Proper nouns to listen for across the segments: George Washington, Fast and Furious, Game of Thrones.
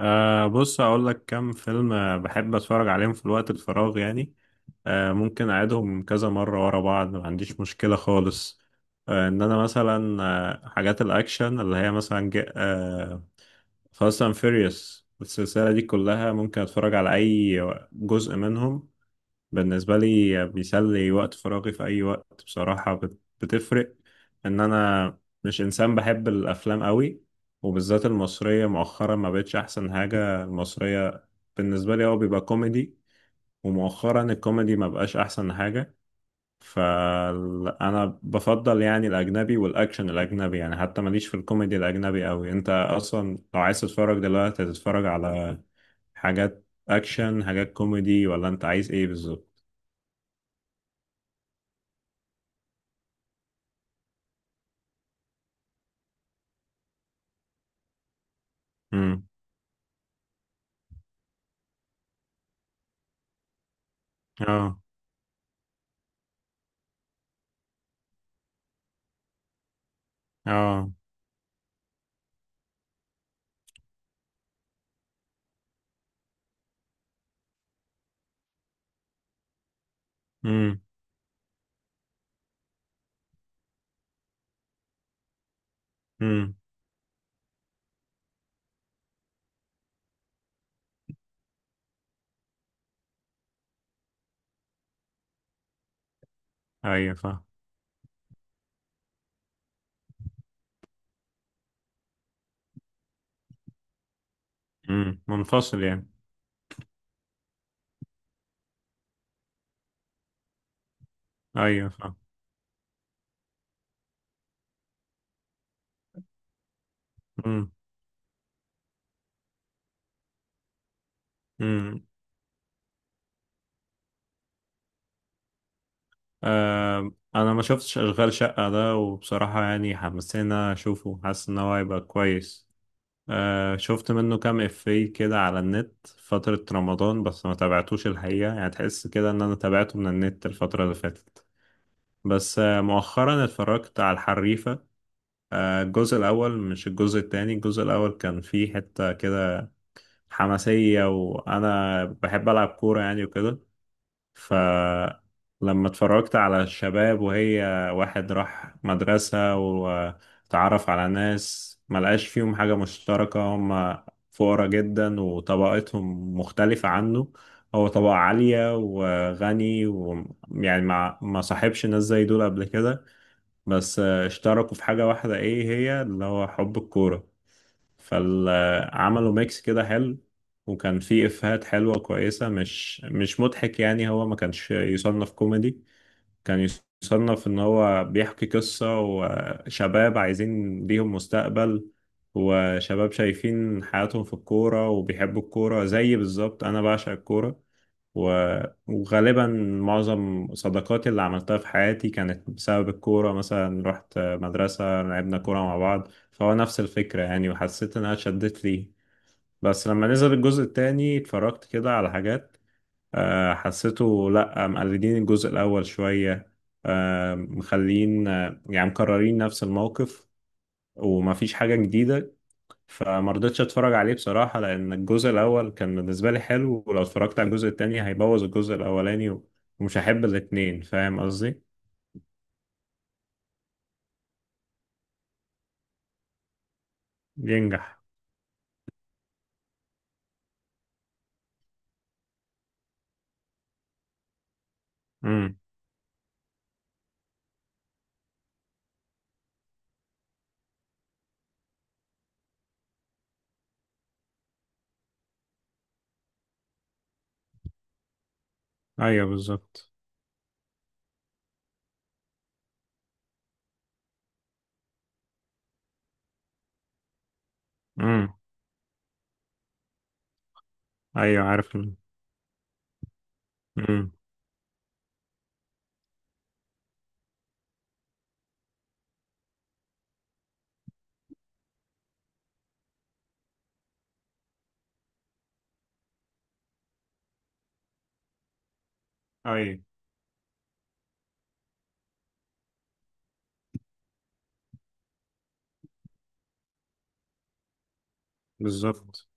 بص هقول لك كام فيلم، بحب اتفرج عليهم في الوقت الفراغ يعني. ممكن اعيدهم كذا مرة ورا بعض، ما عنديش مشكلة خالص. ان انا مثلا، حاجات الاكشن اللي هي مثلا جا- أه فاست اند فيريوس السلسلة دي كلها ممكن اتفرج على اي جزء منهم. بالنسبة لي بيسلي وقت فراغي في أي وقت بصراحة، بتفرق إن أنا مش إنسان بحب الأفلام قوي، وبالذات المصرية. مؤخرا ما بقتش أحسن حاجة، المصرية بالنسبة لي هو بيبقى كوميدي، ومؤخرا الكوميدي ما بقاش أحسن حاجة. فأنا بفضل يعني الأجنبي، والأكشن الأجنبي يعني، حتى ماليش في الكوميدي الأجنبي قوي. أنت أصلا لو عايز تتفرج دلوقتي هتتفرج على حاجات أكشن، حاجات كوميدي، ولا أنت عايز إيه بالظبط؟ اه. اه. امم. امم. ايوه فاهم. امم، منفصل يعني. ايوه فاهم. امم. امم. آه انا ما شفتش اشغال شقة ده، وبصراحة يعني حمسنا اشوفه، حاسس ان هو هيبقى كويس. آه شفت منه كام افيه كده على النت فترة رمضان، بس ما تابعتوش الحقيقة، يعني تحس كده ان انا تابعته من النت الفترة اللي فاتت. بس آه مؤخرا اتفرجت على الحريفة، آه الجزء الاول مش الجزء التاني. الجزء الاول كان فيه حتة كده حماسية، وأنا بحب ألعب كورة يعني وكده. فلما اتفرجت على الشباب، وهي واحد راح مدرسة وتعرف على ناس ملقاش فيهم حاجة مشتركة، هم فقراء جدا وطبقتهم مختلفة عنه، هو طبقة عالية وغني، ويعني ما صاحبش ناس زي دول قبل كده. بس اشتركوا في حاجة واحدة ايه هي اللي هو حب الكورة، فعملوا ميكس كده حلو. وكان فيه إفيهات حلوة كويسة، مش مضحك يعني، هو ما كانش يصنف كوميدي. كان يصنف إن هو بيحكي قصة، وشباب عايزين ليهم مستقبل، وشباب شايفين حياتهم في الكورة وبيحبوا الكورة زي بالظبط أنا بعشق الكورة. وغالبا معظم صداقاتي اللي عملتها في حياتي كانت بسبب الكورة، مثلا رحت مدرسة لعبنا كورة مع بعض، فهو نفس الفكرة يعني، وحسيت إنها شدت لي. بس لما نزل الجزء التاني اتفرجت كده على حاجات، حسيته لأ، مقلدين الجزء الأول شوية، مخلين، يعني مكررين نفس الموقف، ومفيش حاجة جديدة. فما رضيتش اتفرج عليه بصراحة، لان الجزء الاول كان بالنسبة لي حلو، ولو اتفرجت على الجزء التاني هيبوظ الجزء الاولاني، ومش هحب الاتنين، فاهم قصدي. ينجح. امم. ايوه بالظبط. امم. ايوه عارف ال-. امم. ايوه بالظبط.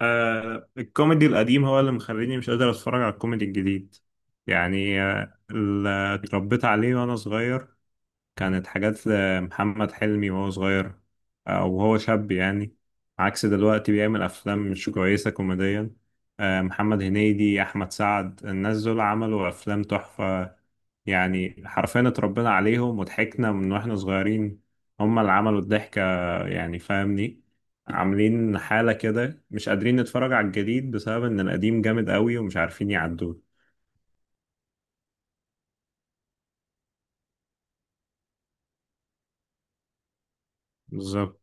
آه الكوميدي القديم هو اللي مخليني مش قادر اتفرج على الكوميدي الجديد. يعني اللي اتربيت عليه وانا صغير كانت حاجات لمحمد حلمي وهو صغير، أو وهو شاب يعني، عكس دلوقتي بيعمل أفلام مش كويسة كوميديا. محمد هنيدي، أحمد سعد، الناس دول عملوا أفلام تحفة، يعني حرفيا اتربينا عليهم وضحكنا من واحنا صغيرين، هما اللي عملوا الضحكة يعني، فاهمني. عاملين حالة كده مش قادرين نتفرج على الجديد بسبب إن القديم جامد قوي ومش عارفين يعدوه. بالظبط.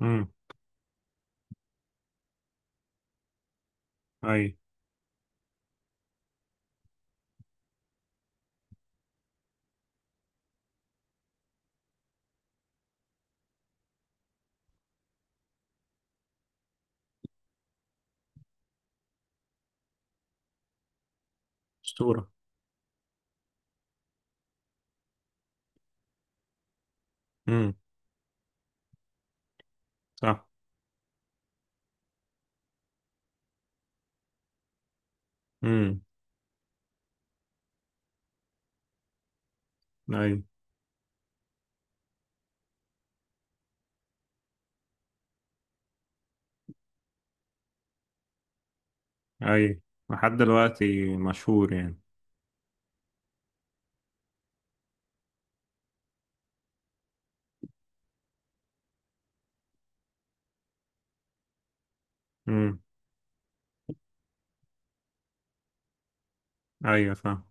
امم. اي. اسطوره. امم. صح. امم. اي. اي، لحد دلوقتي مشهور يعني. امم. ايوه فاهم.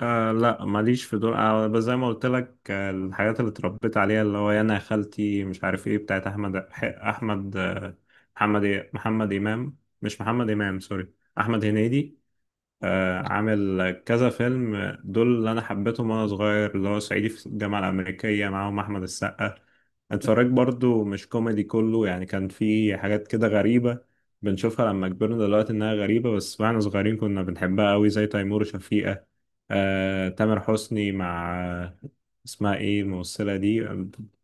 آه لا ماليش في دول، آه بس زي ما قلت لك آه الحاجات اللي اتربيت عليها اللي هو انا يا خالتي مش عارف ايه بتاعت احمد، احمد آه محمد إيه؟ محمد امام، مش محمد امام، سوري، احمد هنيدي. عامل كذا فيلم، دول اللي انا حبيتهم وانا صغير اللي هو صعيدي في الجامعه الامريكيه، معاهم احمد السقا. اتفرجت برضو، مش كوميدي كله يعني، كان في حاجات كده غريبه، بنشوفها لما كبرنا دلوقتي انها غريبه، بس واحنا صغيرين كنا بنحبها قوي، زي تيمور وشفيقه. تامر حسني مع اسمها ايه الممثله دي،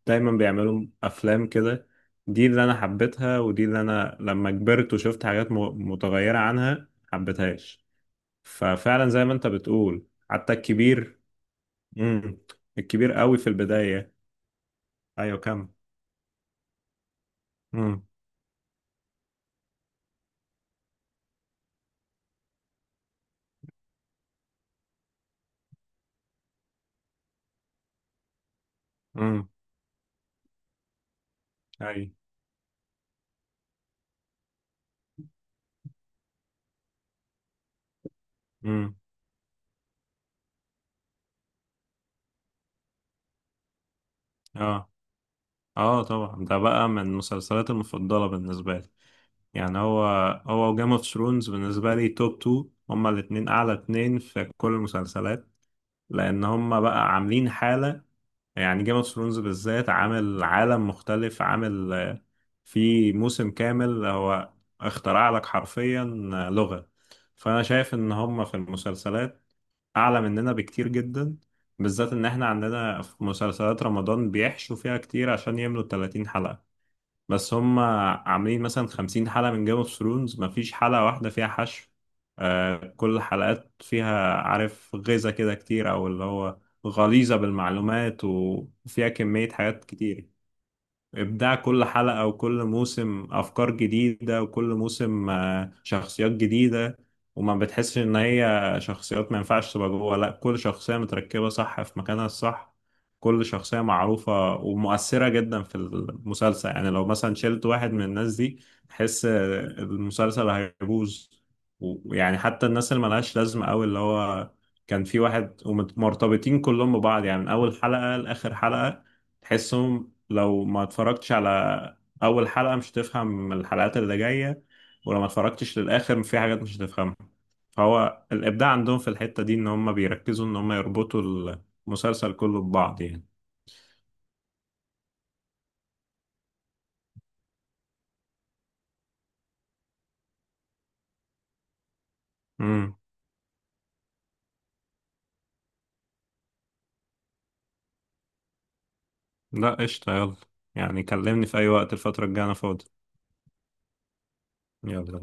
دايما بيعملوا افلام كده. دي اللي انا حبيتها، ودي اللي انا لما كبرت وشفت حاجات متغيره عنها حبيتهاش. ففعلا زي ما انت بتقول حتى الكبير. امم. الكبير قوي في البداية. ايوه كم. امم. امم. اي. امم. اه. اه طبعا ده بقى من المسلسلات المفضلة بالنسبة لي، يعني هو وجيم اوف ثرونز بالنسبة لي توب تو، هما الاتنين اعلى اتنين في كل المسلسلات، لان هما بقى عاملين حالة. يعني جيم اوف ثرونز بالذات عامل عالم مختلف، عامل في موسم كامل هو اخترع لك حرفيا لغة. فأنا شايف إن هم في المسلسلات أعلى مننا بكتير جدا، بالذات إن إحنا عندنا في مسلسلات رمضان بيحشوا فيها كتير عشان يملوا 30 حلقة، بس هم عاملين مثلا 50 حلقة من جيم اوف ثرونز مفيش حلقة واحدة فيها حشو. آه كل الحلقات فيها عارف غذاء كده كتير، أو اللي هو غليظة بالمعلومات وفيها كمية حاجات كتير. إبداع كل حلقة، وكل موسم أفكار جديدة، وكل موسم شخصيات جديدة، وما بتحسش إن هي شخصيات ما ينفعش تبقى جوه، لأ كل شخصية متركبة صح في مكانها الصح، كل شخصية معروفة ومؤثرة جدا في المسلسل، يعني لو مثلا شلت واحد من الناس دي تحس المسلسل هيبوظ. ويعني حتى الناس اللي ملهاش لازمة أوي اللي هو كان في واحد، ومرتبطين كلهم ببعض، يعني من أول حلقة لآخر حلقة تحسهم، لو ما اتفرجتش على اول حلقة مش هتفهم الحلقات اللي جاية، ولو ما اتفرجتش للاخر في حاجات مش هتفهمها. فهو الابداع عندهم في الحتة دي ان هم بيركزوا ان هم يربطوا المسلسل كله ببعض يعني. امم. لا قشطة، يلا. يعني كلمني في اي وقت الفترة الجاية انا فاضي. يلا.